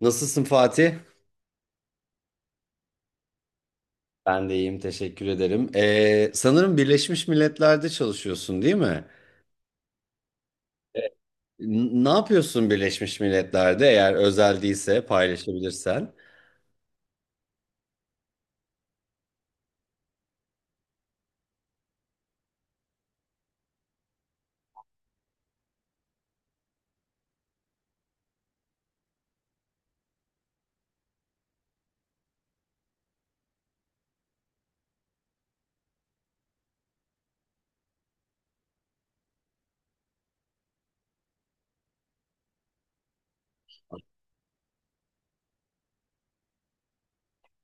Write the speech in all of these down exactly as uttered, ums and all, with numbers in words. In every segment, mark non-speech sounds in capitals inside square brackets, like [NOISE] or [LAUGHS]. Nasılsın Fatih? Ben de iyiyim, teşekkür ederim. Ee, sanırım Birleşmiş Milletler'de çalışıyorsun, değil mi? N- ne yapıyorsun Birleşmiş Milletler'de eğer özel değilse paylaşabilirsen?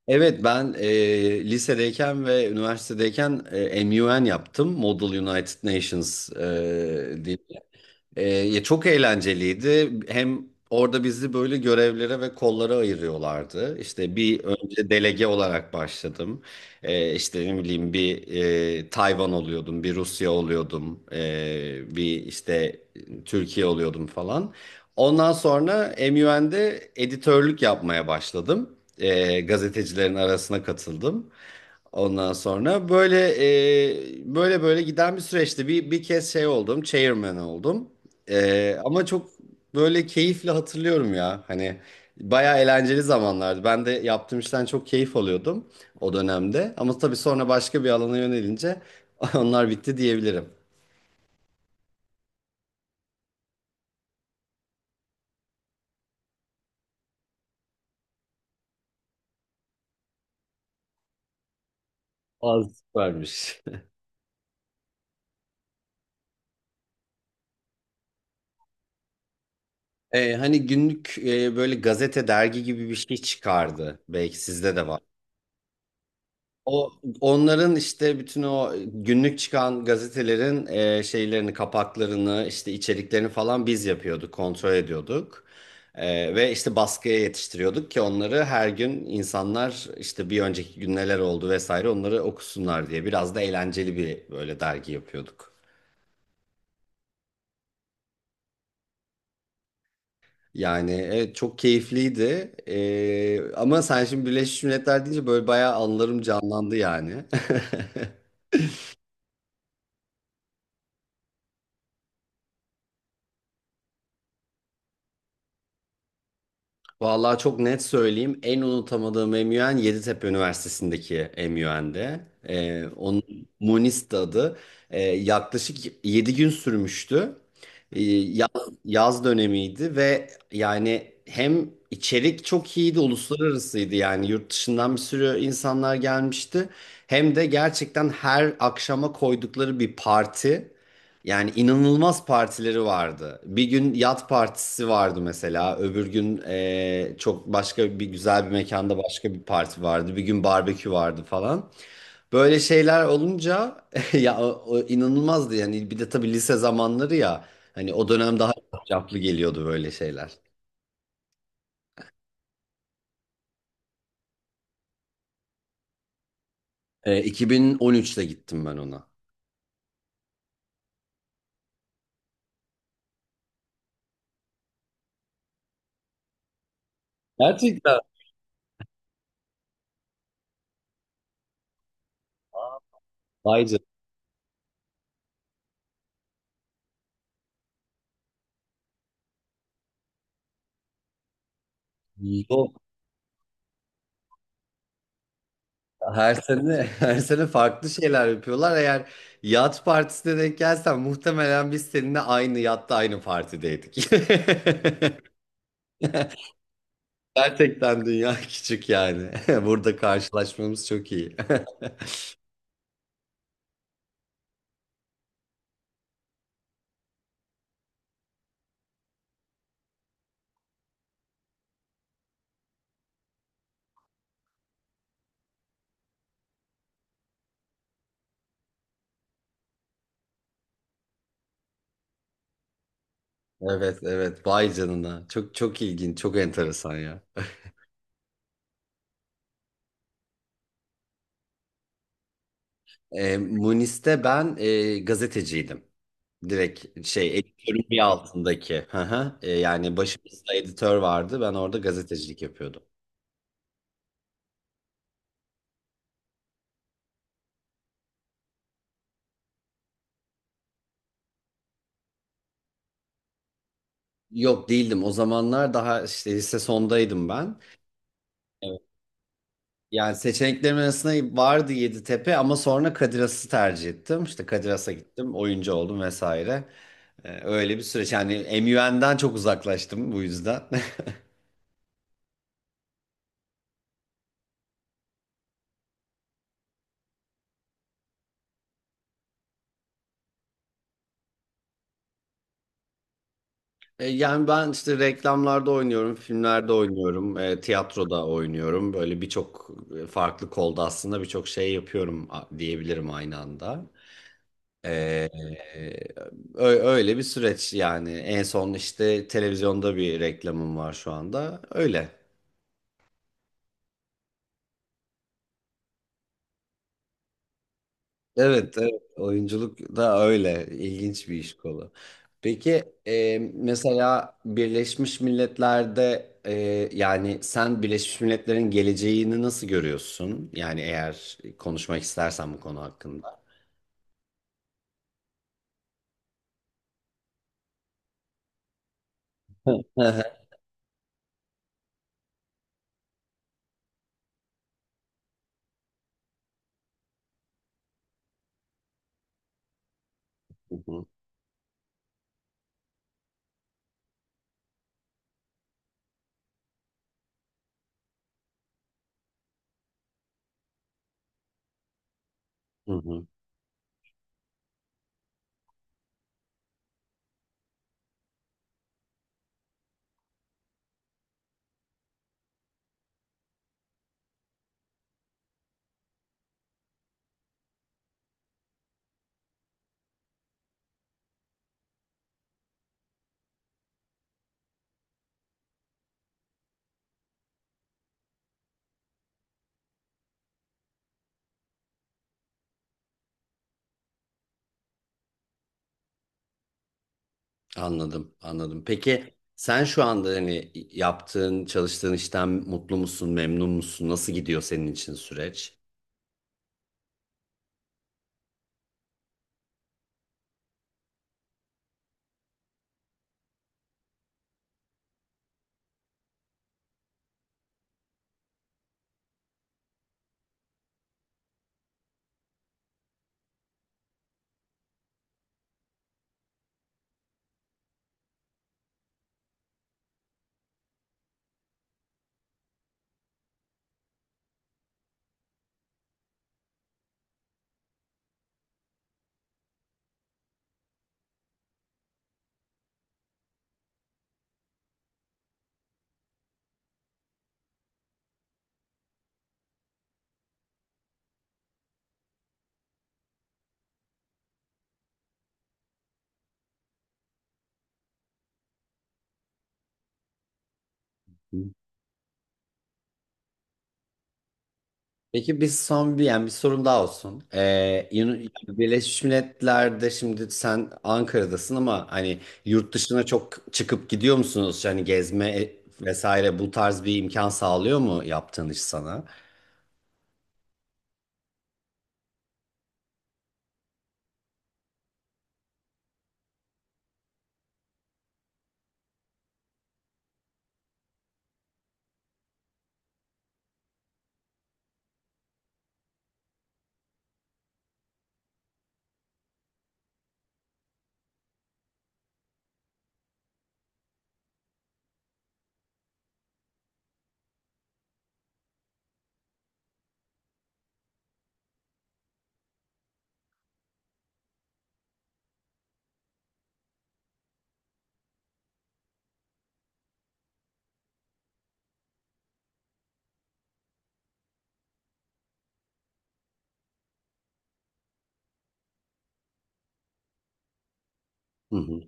Evet, ben e, lisedeyken ve üniversitedeyken e, MUN yaptım. Model United Nations e, diye. Ee, ya çok eğlenceliydi. Hem orada bizi böyle görevlere ve kollara ayırıyorlardı. İşte bir önce delege olarak başladım. Ee, işte ne bileyim bir e, Tayvan oluyordum, bir Rusya oluyordum, e, bir işte Türkiye oluyordum falan. Ondan sonra MUN'de editörlük yapmaya başladım, e, gazetecilerin arasına katıldım. Ondan sonra böyle e, böyle böyle giden bir süreçti. Bir, bir kez şey oldum, chairman oldum. E, ama çok böyle keyifle hatırlıyorum ya. Hani bayağı eğlenceli zamanlardı. Ben de yaptığım işten çok keyif alıyordum o dönemde. Ama tabii sonra başka bir alana yönelince [LAUGHS] onlar bitti diyebilirim. Az süpermiş. [LAUGHS] E, hani günlük e, böyle gazete, dergi gibi bir şey çıkardı. Belki sizde de var. O onların işte bütün o günlük çıkan gazetelerin e, şeylerini, kapaklarını, işte içeriklerini falan biz yapıyorduk, kontrol ediyorduk. E, ve işte baskıya yetiştiriyorduk ki onları her gün insanlar işte bir önceki gün neler oldu vesaire onları okusunlar diye biraz da eğlenceli bir böyle dergi yapıyorduk. Yani evet çok keyifliydi. E, ama sen şimdi Birleşmiş Milletler deyince böyle bayağı anılarım canlandı yani. [LAUGHS] Vallahi çok net söyleyeyim. En unutamadığım MUN Yeditepe Üniversitesi'ndeki MUN'de. Ee, onun Munis'ti adı. Ee, yaklaşık yedi gün sürmüştü. Ee, yaz, yaz dönemiydi ve yani hem içerik çok iyiydi, uluslararasıydı. Yani yurt dışından bir sürü insanlar gelmişti. Hem de gerçekten her akşama koydukları bir parti. Yani inanılmaz partileri vardı. Bir gün yat partisi vardı mesela. Öbür gün eee, çok başka bir güzel bir mekanda başka bir parti vardı. Bir gün barbekü vardı falan. Böyle şeyler olunca [LAUGHS] ya o, o inanılmazdı yani. Bir de tabii lise zamanları ya. Hani o dönem daha caplı geliyordu böyle şeyler. Eee iki bin on üçte gittim ben ona. Gerçekten. Vay canına. Her sene [LAUGHS] her sene farklı şeyler yapıyorlar. Eğer yat partisine denk gelsen muhtemelen biz seninle aynı yatta aynı partideydik. [LAUGHS] Gerçekten dünya küçük yani. [LAUGHS] Burada karşılaşmamız çok iyi. [LAUGHS] Evet evet, vay canına. Çok çok ilginç, çok enteresan ya. [LAUGHS] E, Munis'te ben e, gazeteciydim. Direkt şey editörün bir altındaki. Hı hı. E, yani başımızda editör vardı. Ben orada gazetecilik yapıyordum. Yok değildim. O zamanlar daha işte lise sondaydım ben. Evet. Yani seçeneklerim arasında vardı Yeditepe ama sonra Kadiras'ı tercih ettim. İşte Kadiras'a gittim, oyuncu oldum vesaire. Ee, öyle bir süreç. Yani MUN'den çok uzaklaştım bu yüzden. [LAUGHS] E, Yani ben işte reklamlarda oynuyorum, filmlerde oynuyorum, e, tiyatroda oynuyorum. Böyle birçok e, farklı kolda aslında birçok şey yapıyorum, a- diyebilirim aynı anda. Ee, ö- öyle bir süreç yani. En son işte televizyonda bir reklamım var şu anda. Öyle. Evet, evet. Oyunculuk da öyle. İlginç bir iş kolu. Peki e, mesela Birleşmiş Milletler'de e, yani sen Birleşmiş Milletler'in geleceğini nasıl görüyorsun? Yani eğer konuşmak istersen bu konu hakkında. Hı hı. Hı hı. Hı hı. Anladım, anladım. Peki sen şu anda hani yaptığın, çalıştığın işten mutlu musun, memnun musun? Nasıl gidiyor senin için süreç? Hı. Peki biz son bir, yani bir sorum daha olsun. Ee, Yun- Birleşmiş Milletler'de şimdi sen Ankara'dasın ama hani yurt dışına çok çıkıp gidiyor musunuz? Hani gezme e, vesaire bu tarz bir imkan sağlıyor mu yaptığın iş sana? Hı hı.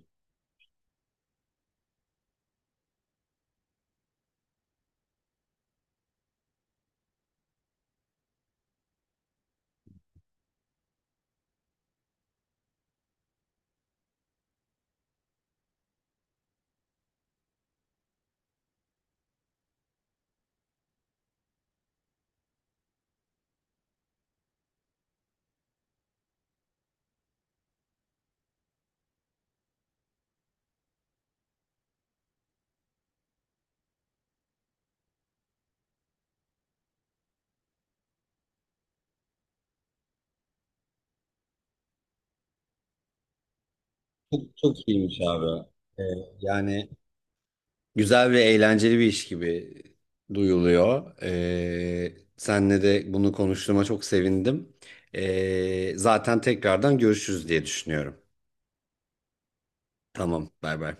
Çok iyiymiş abi. Ee, yani güzel ve eğlenceli bir iş gibi duyuluyor. Ee, senle de bunu konuştuğuma çok sevindim. Ee, zaten tekrardan görüşürüz diye düşünüyorum. Tamam, bay bay.